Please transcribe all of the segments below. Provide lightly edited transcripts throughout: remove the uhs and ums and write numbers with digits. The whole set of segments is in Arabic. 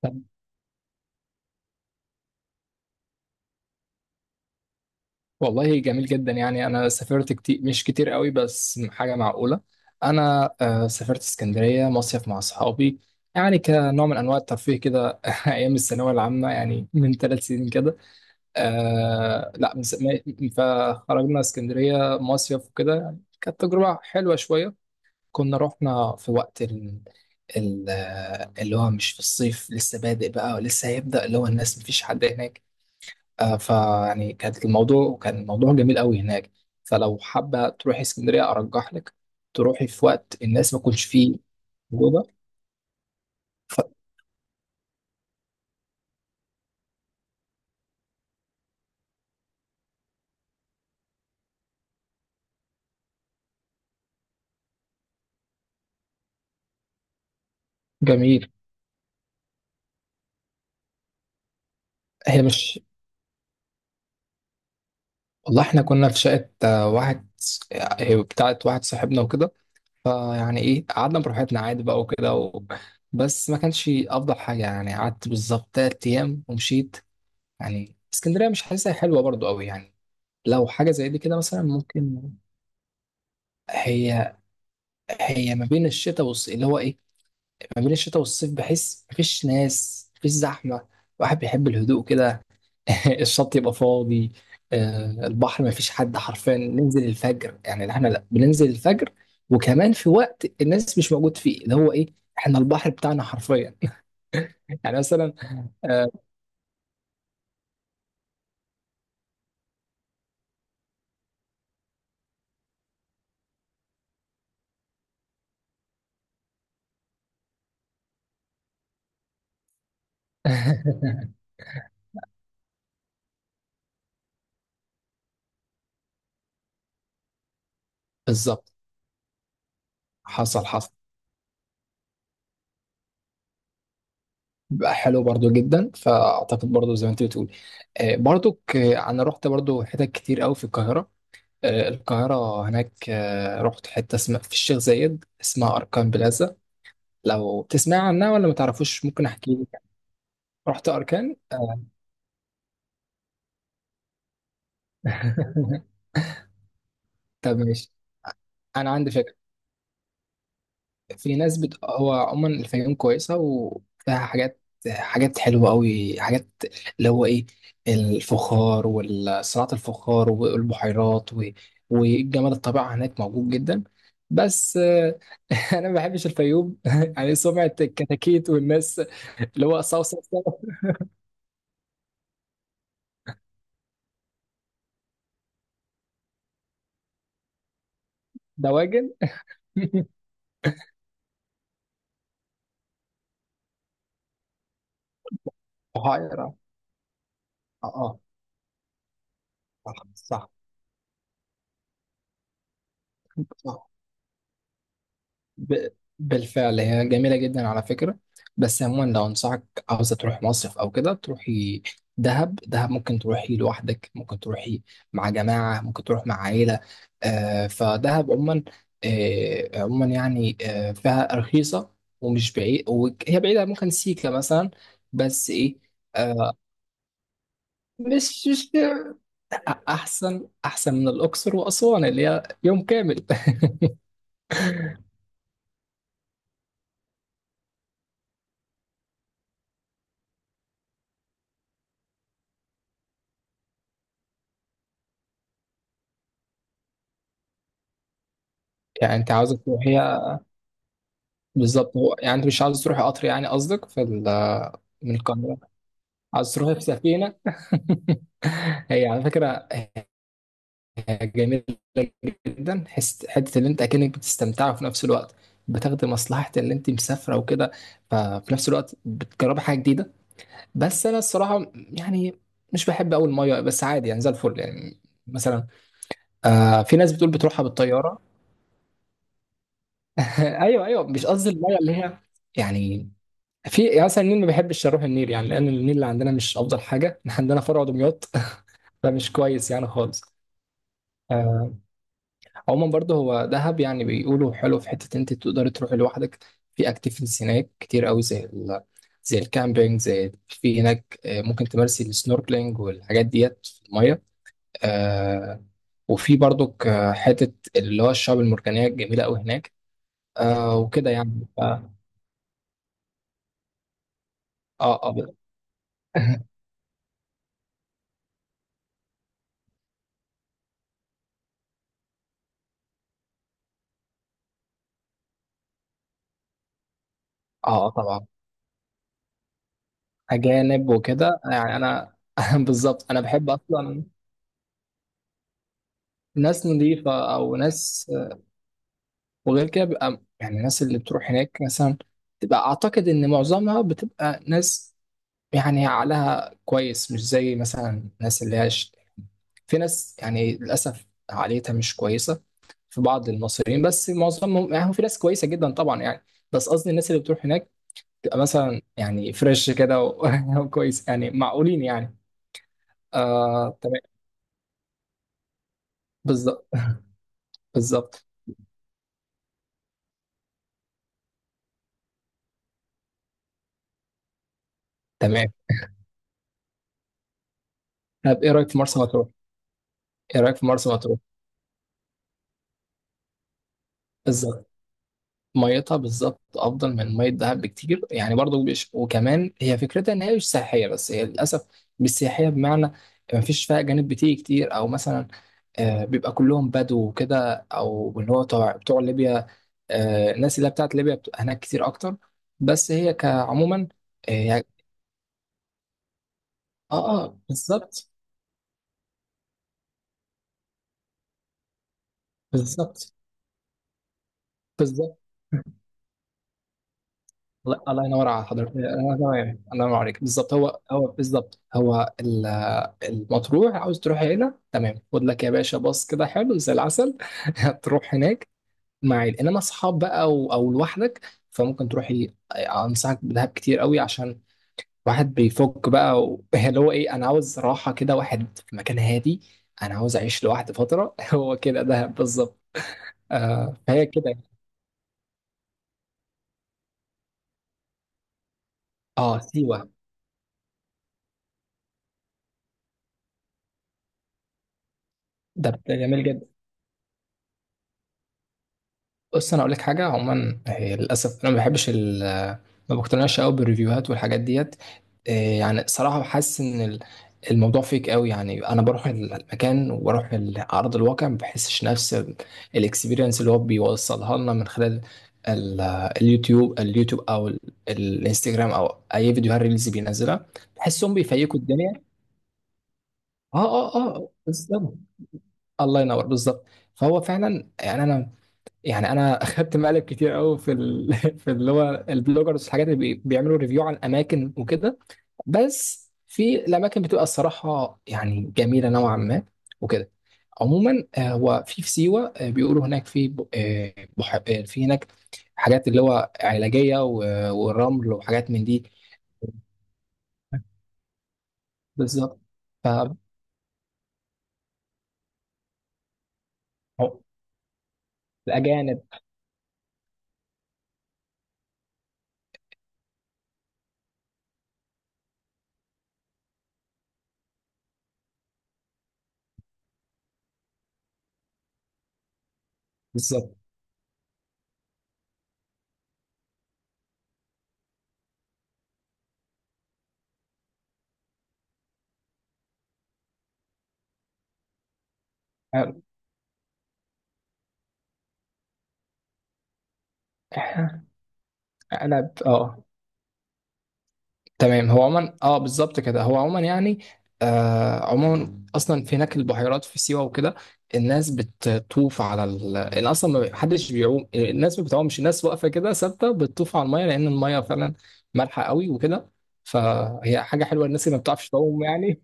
طب، والله جميل جدا، يعني انا سافرت كتير، مش كتير قوي، بس حاجه معقوله. انا سافرت اسكندريه مصيف مع اصحابي، يعني كنوع من انواع الترفيه كده. ايام الثانويه العامه، يعني من 3 سنين كده. آه، لا، فخرجنا اسكندريه مصيف وكده، يعني كانت تجربه حلوه شويه. كنا رحنا في وقت ال- اللي هو مش في الصيف، لسه بادئ بقى ولسه هيبدأ، اللي هو الناس مفيش حد هناك. فيعني كان الموضوع جميل قوي هناك. فلو حابة تروحي اسكندرية، أرجح لك تروحي في وقت الناس ما تكونش فيه موجودة. ف- جميل. هي مش والله احنا كنا في شقة، واحد، هي بتاعت واحد صاحبنا وكده. فيعني ايه، قعدنا براحتنا عادي بقى وكده بس ما كانش أفضل حاجة، يعني قعدت بالظبط 3 أيام ومشيت. يعني اسكندرية مش حاسسها حلوة برضو قوي يعني. لو حاجة زي دي كده مثلا ممكن. هي هي ما بين الشتاء والصيف، اللي هو ايه ما بين الشتاء والصيف، بحس مفيش ناس، مفيش زحمة. الواحد بيحب الهدوء كده. الشط يبقى فاضي، البحر مفيش حد حرفيا. ننزل الفجر، يعني احنا لا بننزل الفجر، وكمان في وقت الناس مش موجود فيه، اللي هو ايه، احنا البحر بتاعنا حرفيا. يعني مثلا. آه، بالظبط. حصل، حصل، بقى حلو برضو جدا، فاعتقد برضو زي ما انت بتقول. برضو انا رحت برضو حتت كتير قوي في القاهرة. القاهرة هناك. رحت حتة اسمها في الشيخ زايد، اسمها أركان بلازا. لو تسمع عنها ولا ما تعرفوش، ممكن أحكي لك. رحت أركان. طب ماشي. أنا عندي فكرة. هو عموما الفيوم كويسة، وفيها حاجات حلوة أوي، حاجات اللي هو إيه، الفخار وصناعة الفخار والبحيرات والجمال، الطبيعة هناك موجود جدا. بس أنا ما بحبش الفيوم. يعني سمعة الكتاكيت والناس، اللي هو صو، صو، صو، دواجن. بحيرة. اه، اه، صح، صح. ب... بالفعل هي جميلة جدا على فكرة. بس عموما، لو أنصحك، عاوزة تروح مصيف أو كده، تروحي دهب. دهب ممكن تروحي لوحدك، ممكن تروحي مع جماعة، ممكن تروح مع عائلة. فدهب عموما، عموما يعني، فيها رخيصة، ومش بعيد. وهي بعيدة، ممكن سيكا مثلا، بس إيه، آه مش أحسن من الأقصر وأسوان اللي هي يوم كامل. يعني أنت عاوزة تروحيها بالظبط. هو يعني انت مش عاوز تروح قطر، يعني قصدك في ال من القاهرة، عاوز تروح في سفينة. هي على فكرة جميلة جدا، حس حتة اللي انت اكنك بتستمتع، وفي نفس الوقت بتاخدي مصلحة اللي انت مسافرة وكده. ففي نفس الوقت بتجربي حاجة جديدة. بس انا الصراحة يعني مش بحب اول مية، بس عادي يعني زي الفل يعني. مثلا في ناس بتقول بتروحها بالطيارة. ايوه، ايوه، مش قصدي المية اللي هي يعني. في، يعني مثلا النيل، ما بحبش اروح النيل يعني، لان النيل اللي عندنا مش افضل حاجه، إحنا عندنا فرع دمياط. فمش كويس يعني خالص. آه، عموما برضه، هو دهب يعني بيقولوا حلو، في حته انت تقدري تروحي لوحدك. في اكتيفيتيز هناك كتير قوي، زي الكامبينج، زي في هناك ممكن تمارسي السنوركلينج والحاجات ديت في الميه. آه، وفي برضه حته اللي هو الشعاب المرجانيه الجميله قوي هناك. وكده يعني اه، اه. اه. طبعا. أجانب وكده، يعني أنا. بالظبط. أنا بحب أصلا ناس نظيفة، أو ناس. وغير كده بيبقى يعني الناس اللي بتروح هناك مثلا، تبقى أعتقد إن معظمها بتبقى ناس يعني عقلها كويس، مش زي مثلا الناس اللي هاش. في ناس يعني للأسف عقليتها مش كويسة، في بعض المصريين، بس معظمهم يعني هو في ناس كويسة جدا طبعا يعني. بس قصدي الناس اللي بتروح هناك تبقى مثلا يعني فريش كده وكويس يعني معقولين يعني. تمام، بالظبط، بالظبط، تمام. طب ايه رايك في مرسى مطروح؟ بالظبط. ميتها بالظبط افضل من ميه دهب بكتير يعني. برضو مش، وكمان هي فكرتها ان هي مش سياحيه، بس هي للاسف مش سياحيه. بمعنى ما فيش فيها اجانب بتيجي كتير، او مثلا بيبقى كلهم بدو وكده، او اللي هو بتوع ليبيا. الناس اللي هي بتاعت ليبيا بتبقى هناك كتير اكتر. بس هي كعموما. اه، اه. بالظبط، بالظبط، بالظبط. الله، الله ينور على حضرتك. انا تمام، الله ينور عليك، بالظبط. هو بالظبط، المطروح، عاوز تروح هنا، تمام. خد لك يا باشا باص كده حلو زي العسل. تروح هناك مع عيل، انما اصحاب بقى، او لوحدك. فممكن تروح. انصحك بدهب كتير قوي، عشان واحد بيفك بقى اللي هو ايه، انا عاوز راحه كده، واحد في مكان هادي، انا عاوز اعيش لوحدي فتره. هو كده دهب بالظبط. فهي كده. اه، سيوه. ده جميل جدا. بص، انا اقول لك حاجه، عموما هي للاسف انا ما بحبش ما بقتنعش قوي بالريفيوهات والحاجات ديت. إيه يعني صراحه، حاسس ان الموضوع فيك قوي يعني، انا بروح المكان وبروح ارض الواقع، ما بحسش نفس الاكسبيرينس اللي هو بيوصلها لنا من خلال ال- اليوتيوب، او الانستجرام، او اي فيديوهات ريلز بينزلها. بحسهم بيفيكوا الدنيا. اه، اه، اه، بالظبط، الله ينور، بالظبط. فهو فعلا يعني انا اخدت مقلب كتير قوي في في اللي هو البلوجرز، الحاجات اللي بيعملوا ريفيو على الاماكن وكده. بس في الاماكن بتبقى الصراحه يعني جميله نوعا ما، وكده عموما. هو في سيوه، بيقولوا هناك في ب... آه، بح... آه، في هناك حاجات اللي هو علاجيه والرمل، وحاجات من دي. بالظبط. ف الاجانب، بالظبط. آه، انا اه تمام. هو عموما اه بالظبط كده، هو عموما يعني. عموما اصلا في هناك البحيرات في سيوه وكده. الناس بتطوف على ان اصلا، ما حدش بيعوم، الناس ما بتعومش، الناس واقفه كده ثابته، بتطوف على الميه، لان الميه فعلا مالحه قوي وكده. فهي حاجه حلوه، الناس اللي ما بتعرفش تعوم يعني.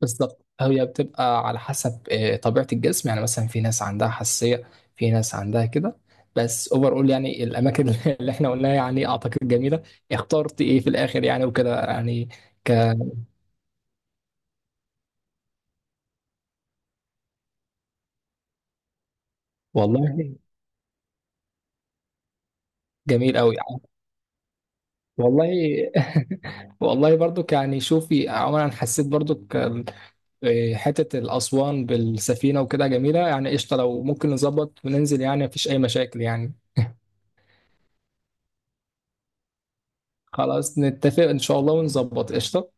بالظبط، هي بتبقى على حسب طبيعة الجسم، يعني مثلا في ناس عندها حساسية، في ناس عندها كده. بس اوفر اول يعني الاماكن اللي احنا قلناها يعني اعتقد جميلة. اخترت ايه في الاخر يعني وكده يعني؟ ك والله جميل قوي يعني، والله. والله برضك يعني. شوفي عموما، انا حسيت برضك حتة الاسوان بالسفينة وكده جميلة يعني. قشطة، لو ممكن نظبط وننزل، يعني مفيش اي مشاكل يعني. خلاص نتفق ان شاء الله ونظبط، قشطة.